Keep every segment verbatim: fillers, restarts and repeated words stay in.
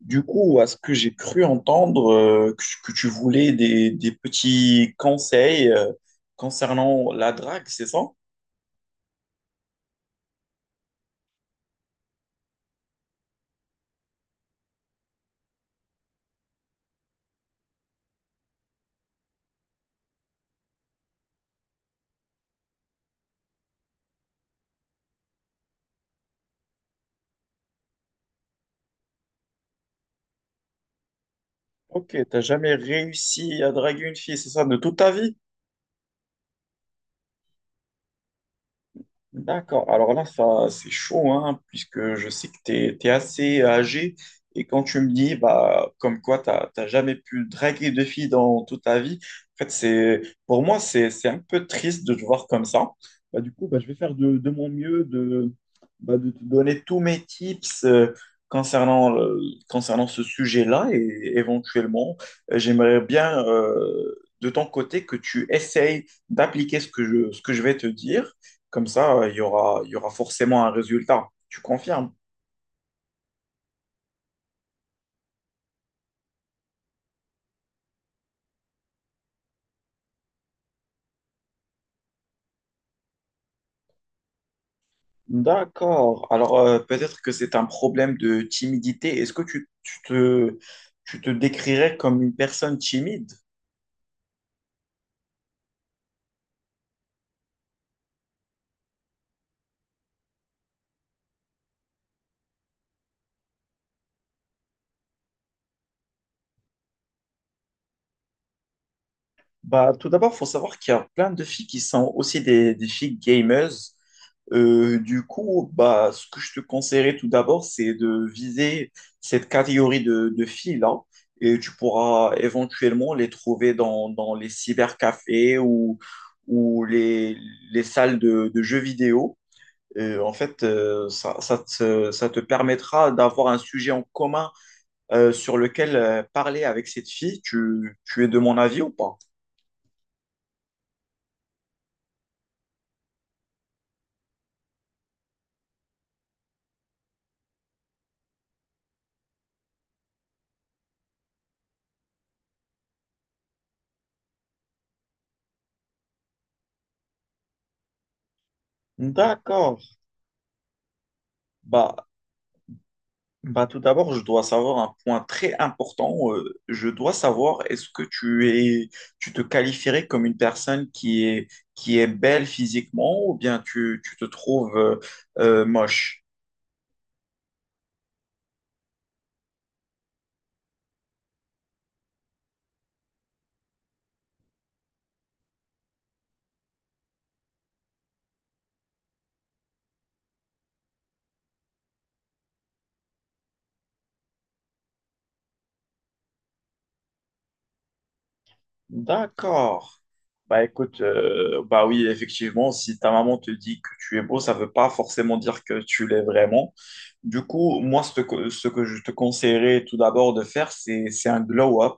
Du coup, à ce que j'ai cru entendre, euh, que, que tu voulais des, des petits conseils euh, concernant la drague, c'est ça? Ok, t'as jamais réussi à draguer une fille, c'est ça, de toute ta vie? D'accord. Alors là, ça, c'est chaud, hein, puisque je sais que tu es, assez âgé. Et quand tu me dis, bah, comme quoi, tu n'as jamais pu draguer de filles dans toute ta vie, en fait, c'est, pour moi, c'est, c'est un peu triste de te voir comme ça. Bah, du coup, bah, je vais faire de, de mon mieux de, bah, de te donner tous mes tips euh, concernant, le- concernant ce sujet-là. Et éventuellement, euh, j'aimerais bien, euh, de ton côté, que tu essayes d'appliquer ce que je, ce que je vais te dire. Comme ça, euh, il y aura, il y aura forcément un résultat. Tu confirmes? D'accord. Alors, euh, peut-être que c'est un problème de timidité. Est-ce que tu, tu te, tu te décrirais comme une personne timide? Bah, tout d'abord, il faut savoir qu'il y a plein de filles qui sont aussi des, des filles gamers. Euh, du coup, bah, ce que je te conseillerais tout d'abord, c'est de viser cette catégorie de, de filles-là. Et tu pourras éventuellement les trouver dans, dans les cybercafés ou, ou les, les salles de, de jeux vidéo. Euh, en fait, euh, ça, ça te, ça te permettra d'avoir un sujet en commun euh, sur lequel euh, parler avec cette fille. Tu, tu es de mon avis ou pas? D'accord. Bah, bah tout d'abord, je dois savoir un point très important. Euh, je dois savoir est-ce que tu es, tu te qualifierais comme une personne qui est, qui est belle physiquement ou bien tu, tu te trouves euh, euh, moche? D'accord. Bah écoute, euh, bah oui, effectivement, si ta maman te dit que tu es beau, ça ne veut pas forcément dire que tu l'es vraiment. Du coup, moi, ce que, ce que je te conseillerais tout d'abord de faire, c'est, c'est un glow-up.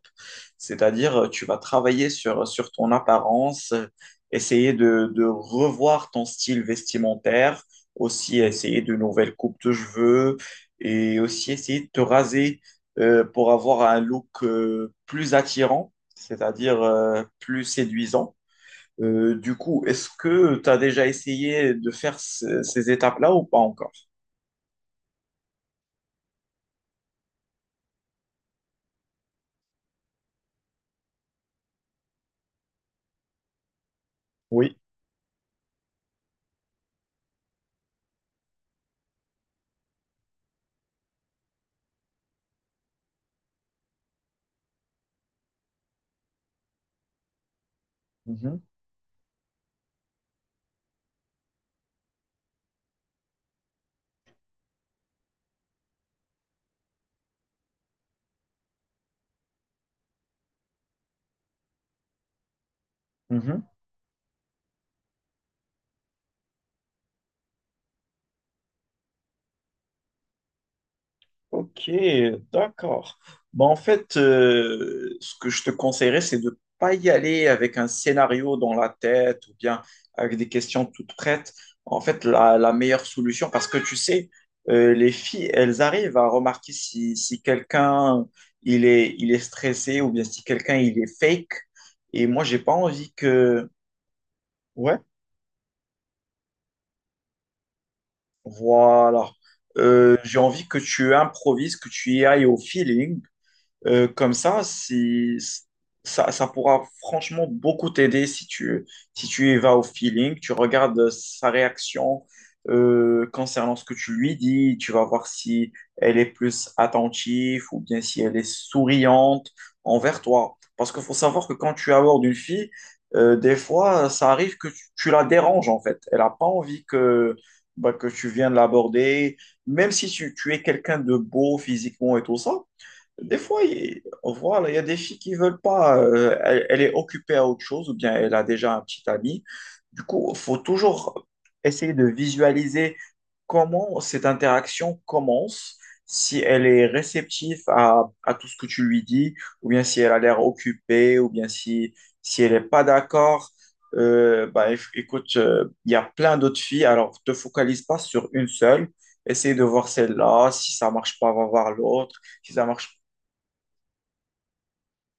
C'est-à-dire, euh, tu vas travailler sur, sur ton apparence, euh, essayer de, de revoir ton style vestimentaire, aussi essayer de nouvelles coupes de cheveux et aussi essayer de te raser euh, pour avoir un look euh, plus attirant, c'est-à-dire euh, plus séduisant. Euh, du coup, est-ce que tu as déjà essayé de faire ce- ces étapes-là ou pas encore? Oui. Mhm. Mhm. Ok, d'accord. Bon, en fait, euh, ce que je te conseillerais, c'est de pas y aller avec un scénario dans la tête ou bien avec des questions toutes prêtes. En fait, la, la meilleure solution, parce que tu sais, euh, les filles, elles arrivent à remarquer si, si quelqu'un il est, il est stressé ou bien si quelqu'un il est fake. Et moi, j'ai pas envie que... Ouais, voilà. Euh, j'ai envie que tu improvises, que tu y ailles au feeling. Euh, comme ça, si, ça, ça pourra franchement beaucoup t'aider si tu, si tu y vas au feeling, tu regardes sa réaction euh, concernant ce que tu lui dis, tu vas voir si elle est plus attentive ou bien si elle est souriante envers toi. Parce qu'il faut savoir que quand tu abordes une fille, euh, des fois, ça arrive que tu, tu la déranges en fait. Elle n'a pas envie que, bah, que tu viennes l'aborder, même si tu, tu es quelqu'un de beau physiquement et tout ça. Des fois, il, on voit, là, il y a des filles qui veulent pas, euh, elle, elle est occupée à autre chose ou bien elle a déjà un petit ami. Du coup, il faut toujours essayer de visualiser comment cette interaction commence, si elle est réceptive à, à tout ce que tu lui dis, ou bien si elle a l'air occupée, ou bien si, si elle n'est pas d'accord. Euh, bah, éf- écoute, euh, il y a plein d'autres filles, alors te focalise pas sur une seule. Essaye de voir celle-là. Si ça marche pas, va voir l'autre. Si ça marche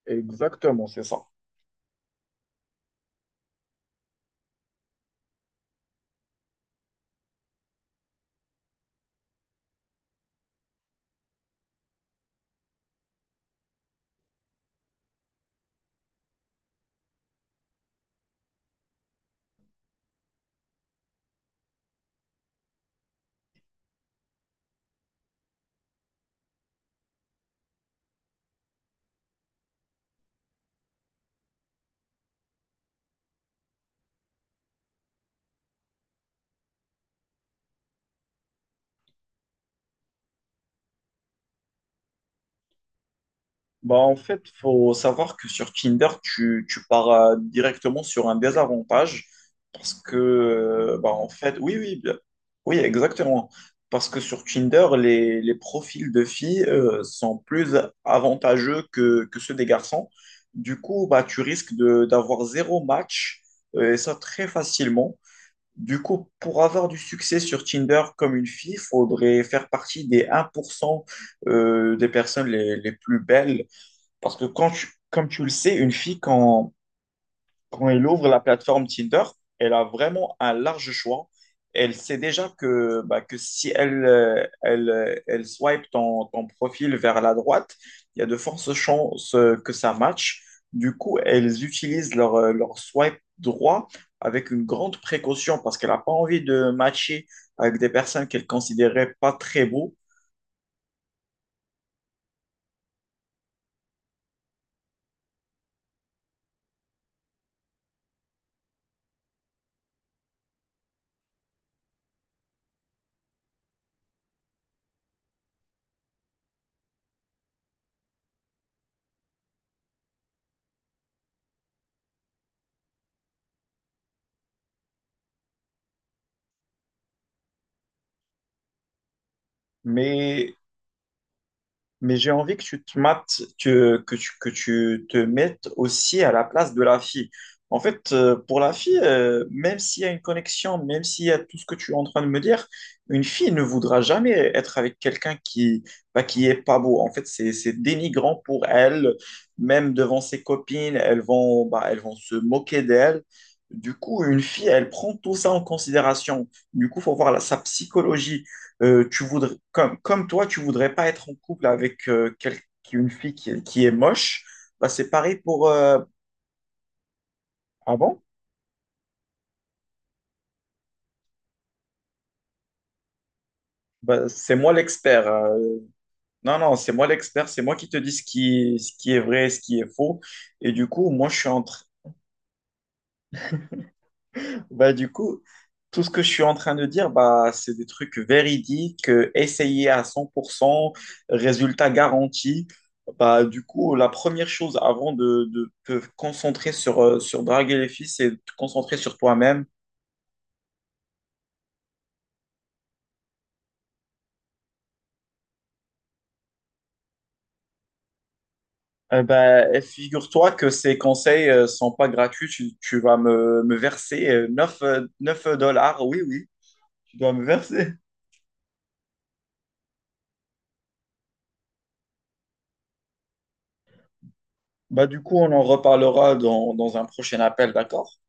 Exactement, c'est ça. Bah, en fait, faut savoir que sur Tinder, tu, tu pars euh, directement sur un désavantage parce que, euh, bah, en fait, oui, oui, bien- oui, exactement. Parce que sur Tinder, les, les profils de filles euh, sont plus avantageux que, que ceux des garçons. Du coup, bah, tu risques de, d'avoir zéro match, euh, et ça très facilement. Du coup, pour avoir du succès sur Tinder comme une fille, il faudrait faire partie des un pour cent euh, des personnes les, les plus belles. Parce que quand tu- comme tu le sais, une fille, quand, quand elle ouvre la plateforme Tinder, elle a vraiment un large choix. Elle sait déjà que, bah, que si elle, euh, elle, euh, elle swipe ton, ton profil vers la droite, il y a de fortes chances euh, que ça matche. Du coup, elles utilisent leur, euh, leur swipe droit avec une grande précaution parce qu'elle n'a pas envie de matcher avec des personnes qu'elle considérait pas très beaux. Mais Mais j'ai envie que tu te mates, que, que tu, que tu te mettes aussi à la place de la fille. En fait, euh, pour la fille, euh, même s'il y a une connexion, même s'il y a tout ce que tu es en train de me dire, une fille ne voudra jamais être avec quelqu'un qui, bah, qui est pas beau. En fait, c'est, c'est dénigrant pour elle, même devant ses copines, elles vont, bah, elles vont se moquer d'elle. Du coup, une fille, elle prend tout ça en considération. Du coup, faut voir la- sa psychologie euh, tu voudrais, comme, comme toi, tu voudrais pas être en couple avec euh, quel- une fille qui, est qui est moche, bah, c'est pareil pour... euh, Ah bon? Bah, c'est moi l'expert. Euh. Non, non, c'est moi l'expert, c'est moi qui te dis ce qui, ce qui est vrai, et ce qui est faux. Et du coup, moi, je suis en, tr- Bah, du coup, tout ce que je suis en train de dire, bah, c'est des trucs véridiques, euh, essayés à cent pour cent, résultat garanti. Bah, du coup, la première chose avant de, de te concentrer sur, euh, sur draguer les filles, c'est de te concentrer sur toi-même. Euh, bah, et figure-toi que ces conseils ne sont pas gratuits. Tu, tu vas me, me verser euh, neuf euh, neuf dollars. Oui, oui, tu dois me verser. Bah, du coup, on en reparlera dans, dans un prochain appel, d'accord?